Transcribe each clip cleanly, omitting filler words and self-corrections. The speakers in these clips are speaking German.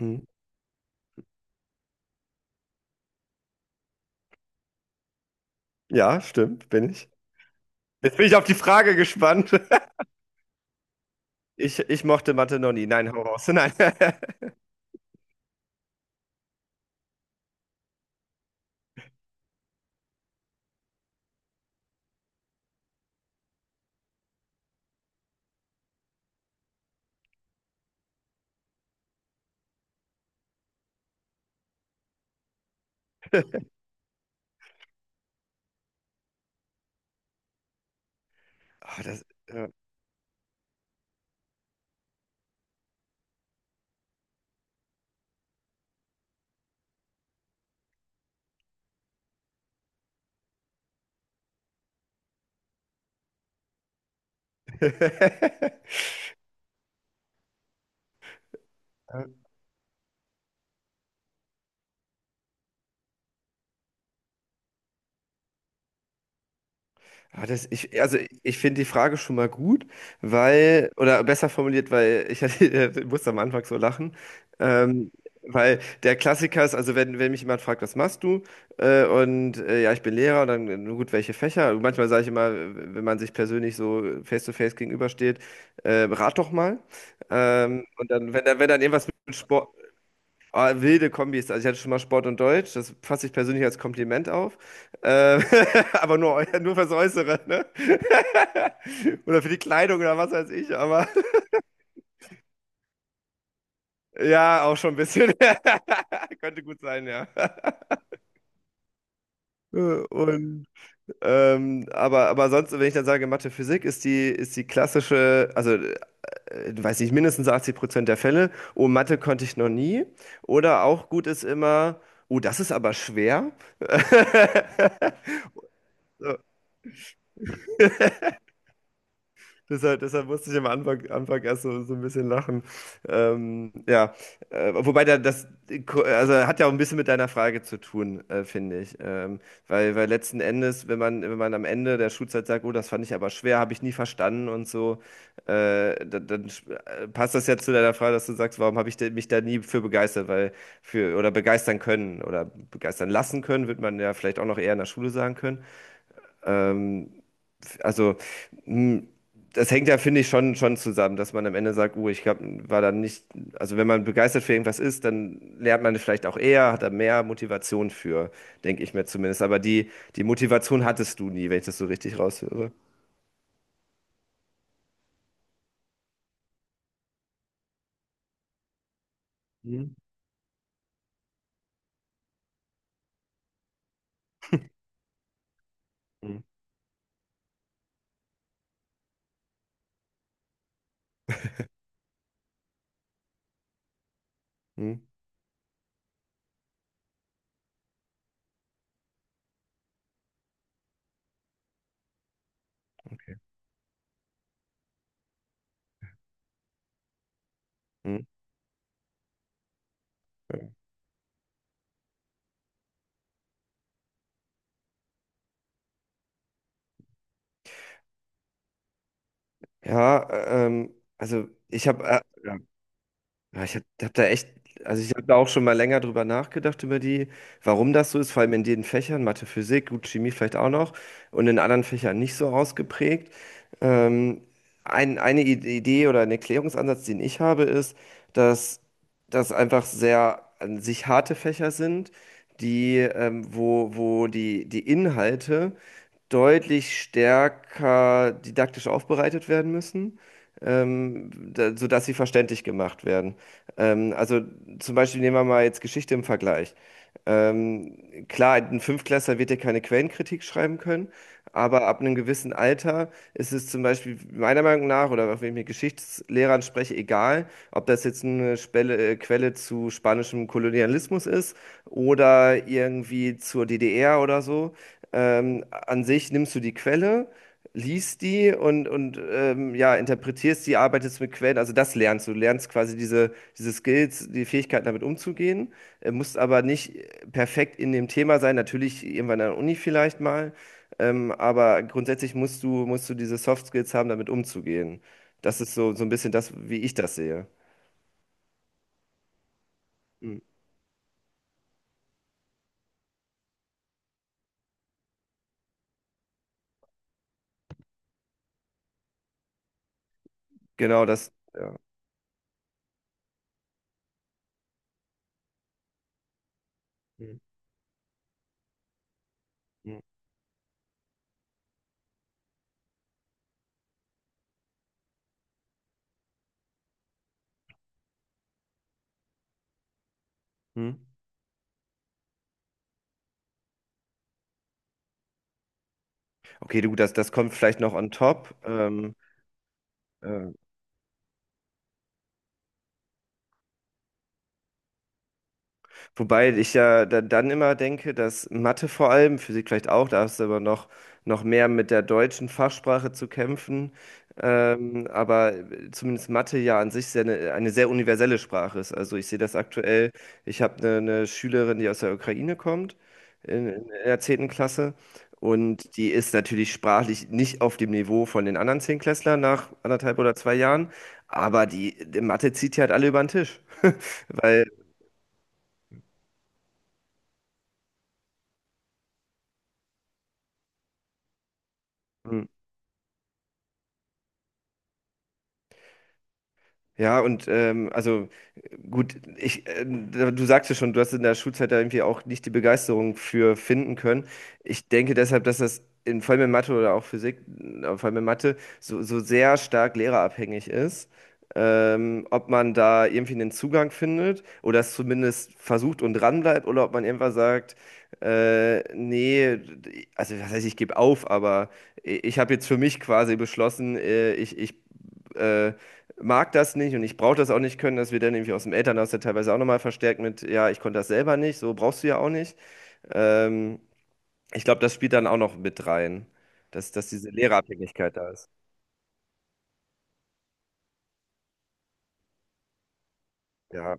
Mhm. Ja, stimmt, bin ich. Jetzt bin ich auf die Frage gespannt. Ich mochte Mathe noch nie. Nein, hau raus. Nein. Ah, das, ja. Ja, das, ich, also ich finde die Frage schon mal gut, weil, oder besser formuliert, weil ich, musste am Anfang so lachen, ähm, weil der Klassiker ist, also wenn mich jemand fragt, was machst du? Ja, ich bin Lehrer, und dann, gut, welche Fächer? Manchmal sage ich immer, wenn man sich persönlich so face-to-face gegenübersteht, rat doch mal. Und dann, wenn dann irgendwas mit Sport. Ah, wilde Kombis. Also ich hatte schon mal Sport und Deutsch. Das fasse ich persönlich als Kompliment auf. Äh, aber nur, nur fürs Äußere, ne? Oder für die Kleidung oder was weiß ich. Aber ja, auch schon ein bisschen. Könnte gut sein, ja. Äh, Und aber sonst, wenn ich dann sage, Mathe, Physik ist die klassische, also weiß nicht, mindestens 80% der Fälle. Oh, Mathe konnte ich noch nie. Oder auch gut ist immer, oh, das ist aber schwer. Deshalb, deshalb musste ich am Anfang erst so, so ein bisschen lachen. Ja, wobei da, das also hat ja auch ein bisschen mit deiner Frage zu tun, finde ich. Weil, weil letzten Endes, wenn man, wenn man am Ende der Schulzeit sagt, oh, das fand ich aber schwer, habe ich nie verstanden und so, dann, dann passt das ja zu deiner Frage, dass du sagst, warum habe ich mich da nie für begeistert, weil für oder begeistern können oder begeistern lassen können, wird man ja vielleicht auch noch eher in der Schule sagen können. Ähm, also mh, das hängt ja, finde ich, schon, schon zusammen, dass man am Ende sagt, oh, ich glaub, war dann nicht, also wenn man begeistert für irgendwas ist, dann lernt man es vielleicht auch eher, hat da mehr Motivation für, denke ich mir zumindest. Aber die, die Motivation hattest du nie, wenn ich das so richtig raushöre. Mhm. Hm, hm, okay. Hm. Ja, also ich habe, Ja, ich habe hab hab da echt, also ich habe da auch schon mal länger drüber nachgedacht, über die, warum das so ist, vor allem in den Fächern, Mathe, Physik, gut, Chemie vielleicht auch noch und in anderen Fächern nicht so ausgeprägt. Ähm, eine Idee oder ein Erklärungsansatz, den ich habe, ist, dass das einfach sehr an sich harte Fächer sind, die, wo, wo die, die Inhalte deutlich stärker didaktisch aufbereitet werden müssen da, sodass sie verständlich gemacht werden. Also zum Beispiel nehmen wir mal jetzt Geschichte im Vergleich. Klar, ein Fünftklässler wird ja keine Quellenkritik schreiben können, aber ab einem gewissen Alter ist es zum Beispiel meiner Meinung nach, oder auch wenn ich mit Geschichtslehrern spreche, egal, ob das jetzt eine Quelle zu spanischem Kolonialismus ist oder irgendwie zur DDR oder so. An sich nimmst du die Quelle liest die und ja, interpretierst die, arbeitest mit Quellen, also das lernst du. Du lernst quasi diese, diese Skills, die Fähigkeiten damit umzugehen, musst aber nicht perfekt in dem Thema sein, natürlich irgendwann an der Uni vielleicht mal, aber grundsätzlich musst du diese Soft Skills haben, damit umzugehen. Das ist so, so ein bisschen das, wie ich das sehe. Mhm. Genau, das, ja. Mhm. Mhm. Okay, du, das, das kommt vielleicht noch on top. Äh, Wobei ich ja dann immer denke, dass Mathe vor allem, Physik vielleicht auch, da hast du aber noch, noch mehr mit der deutschen Fachsprache zu kämpfen. Aber zumindest Mathe ja an sich sehr eine sehr universelle Sprache ist. Also ich sehe das aktuell. Ich habe eine Schülerin, die aus der Ukraine kommt, in der 10. Klasse. Und die ist natürlich sprachlich nicht auf dem Niveau von den anderen Zehntklässlern nach anderthalb oder zwei Jahren. Aber die, die Mathe zieht die halt alle über den Tisch. Weil. Hm, ja, und gut, ich, du sagst ja schon, du hast in der Schulzeit da irgendwie auch nicht die Begeisterung für finden können. Ich denke deshalb, dass das in, vor allem in Mathe oder auch Physik, vor allem in Mathe, so, so sehr stark lehrerabhängig ist. Ob man da irgendwie einen Zugang findet oder es zumindest versucht und dranbleibt oder ob man irgendwann sagt, nee, also was heißt, ich gebe auf, aber ich habe jetzt für mich quasi beschlossen, ich äh, mag das nicht und ich brauche das auch nicht können, dass wir dann irgendwie aus dem Elternhaus ja teilweise auch nochmal verstärkt mit, ja, ich konnte das selber nicht, so brauchst du ja auch nicht. Ähm, Ich glaube, das spielt dann auch noch mit rein, dass, dass diese Lehrerabhängigkeit da ist. Ja.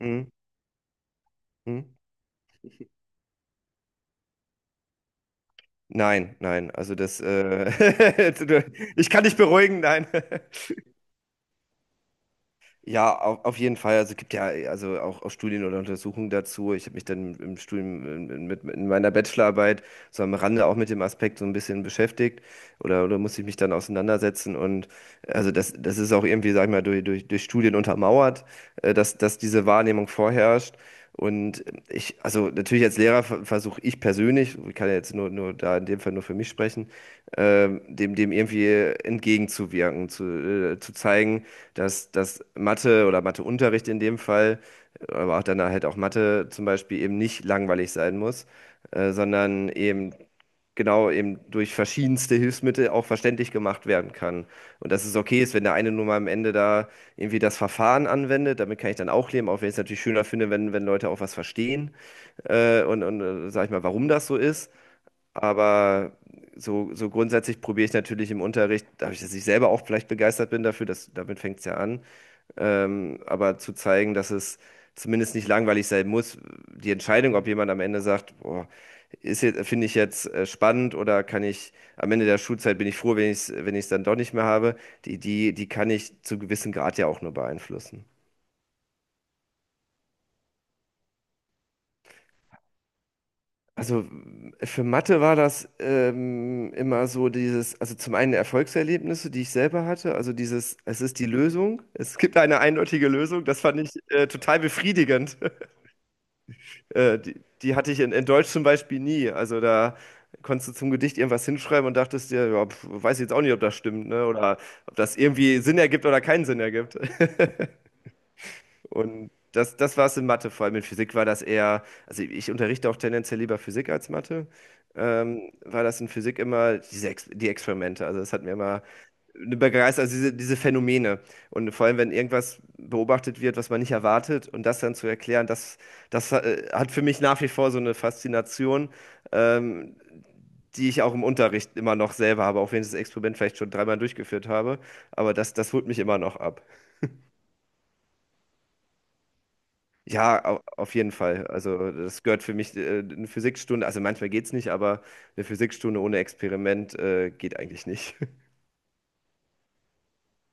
Hm, hm. Nein, nein, also das, ich kann dich beruhigen, nein. Ja, auf jeden Fall. Also es gibt ja also auch, auch Studien oder Untersuchungen dazu. Ich habe mich dann im Studium in meiner Bachelorarbeit so am Rande auch mit dem Aspekt so ein bisschen beschäftigt oder musste ich mich dann auseinandersetzen. Und also das, das ist auch irgendwie, sag ich mal, durch Studien untermauert, dass, dass diese Wahrnehmung vorherrscht. Und ich, also natürlich als Lehrer versuche ich persönlich, ich kann ja jetzt nur, nur da in dem Fall nur für mich sprechen, dem, dem irgendwie entgegenzuwirken, zu zeigen, dass, dass Mathe oder Matheunterricht in dem Fall, aber auch dann halt auch Mathe zum Beispiel eben nicht langweilig sein muss, sondern eben genau eben durch verschiedenste Hilfsmittel auch verständlich gemacht werden kann. Und dass es okay ist, wenn der eine nur mal am Ende da irgendwie das Verfahren anwendet, damit kann ich dann auch leben, auch wenn ich es natürlich schöner finde, wenn, wenn Leute auch was verstehen und sag ich mal, warum das so ist. Aber so, so grundsätzlich probiere ich natürlich im Unterricht, dadurch, dass ich selber auch vielleicht begeistert bin dafür, dass, damit fängt es ja an, aber zu zeigen, dass es zumindest nicht langweilig sein muss. Die Entscheidung, ob jemand am Ende sagt, boah, ist jetzt, finde ich jetzt spannend oder kann ich am Ende der Schulzeit bin ich froh, wenn ich es, wenn ich es dann doch nicht mehr habe, die, die, die kann ich zu gewissem Grad ja auch nur beeinflussen. Also für Mathe war das immer so dieses, also zum einen Erfolgserlebnisse, die ich selber hatte, also dieses, es ist die Lösung, es gibt eine eindeutige Lösung, das fand ich total befriedigend. Die, die hatte ich in Deutsch zum Beispiel nie. Also da konntest du zum Gedicht irgendwas hinschreiben und dachtest dir, ja, pf, weiß ich jetzt auch nicht, ob das stimmt, ne? Oder ob das irgendwie Sinn ergibt oder keinen Sinn ergibt. Und das, das war es in Mathe, vor allem in Physik war das eher, also ich unterrichte auch tendenziell lieber Physik als Mathe, war das in Physik immer die Experimente. Also das hat mir immer eine Begeisterung, also diese, diese Phänomene. Und vor allem, wenn irgendwas beobachtet wird, was man nicht erwartet, und das dann zu erklären, das, das hat für mich nach wie vor so eine Faszination, ähm, die ich auch im Unterricht immer noch selber habe, auch wenn ich das Experiment vielleicht schon 3-mal durchgeführt habe. Aber das, das holt mich immer noch ab. Ja, auf jeden Fall. Also das gehört für mich, eine Physikstunde, also manchmal geht's nicht, aber eine Physikstunde ohne Experiment, geht eigentlich nicht.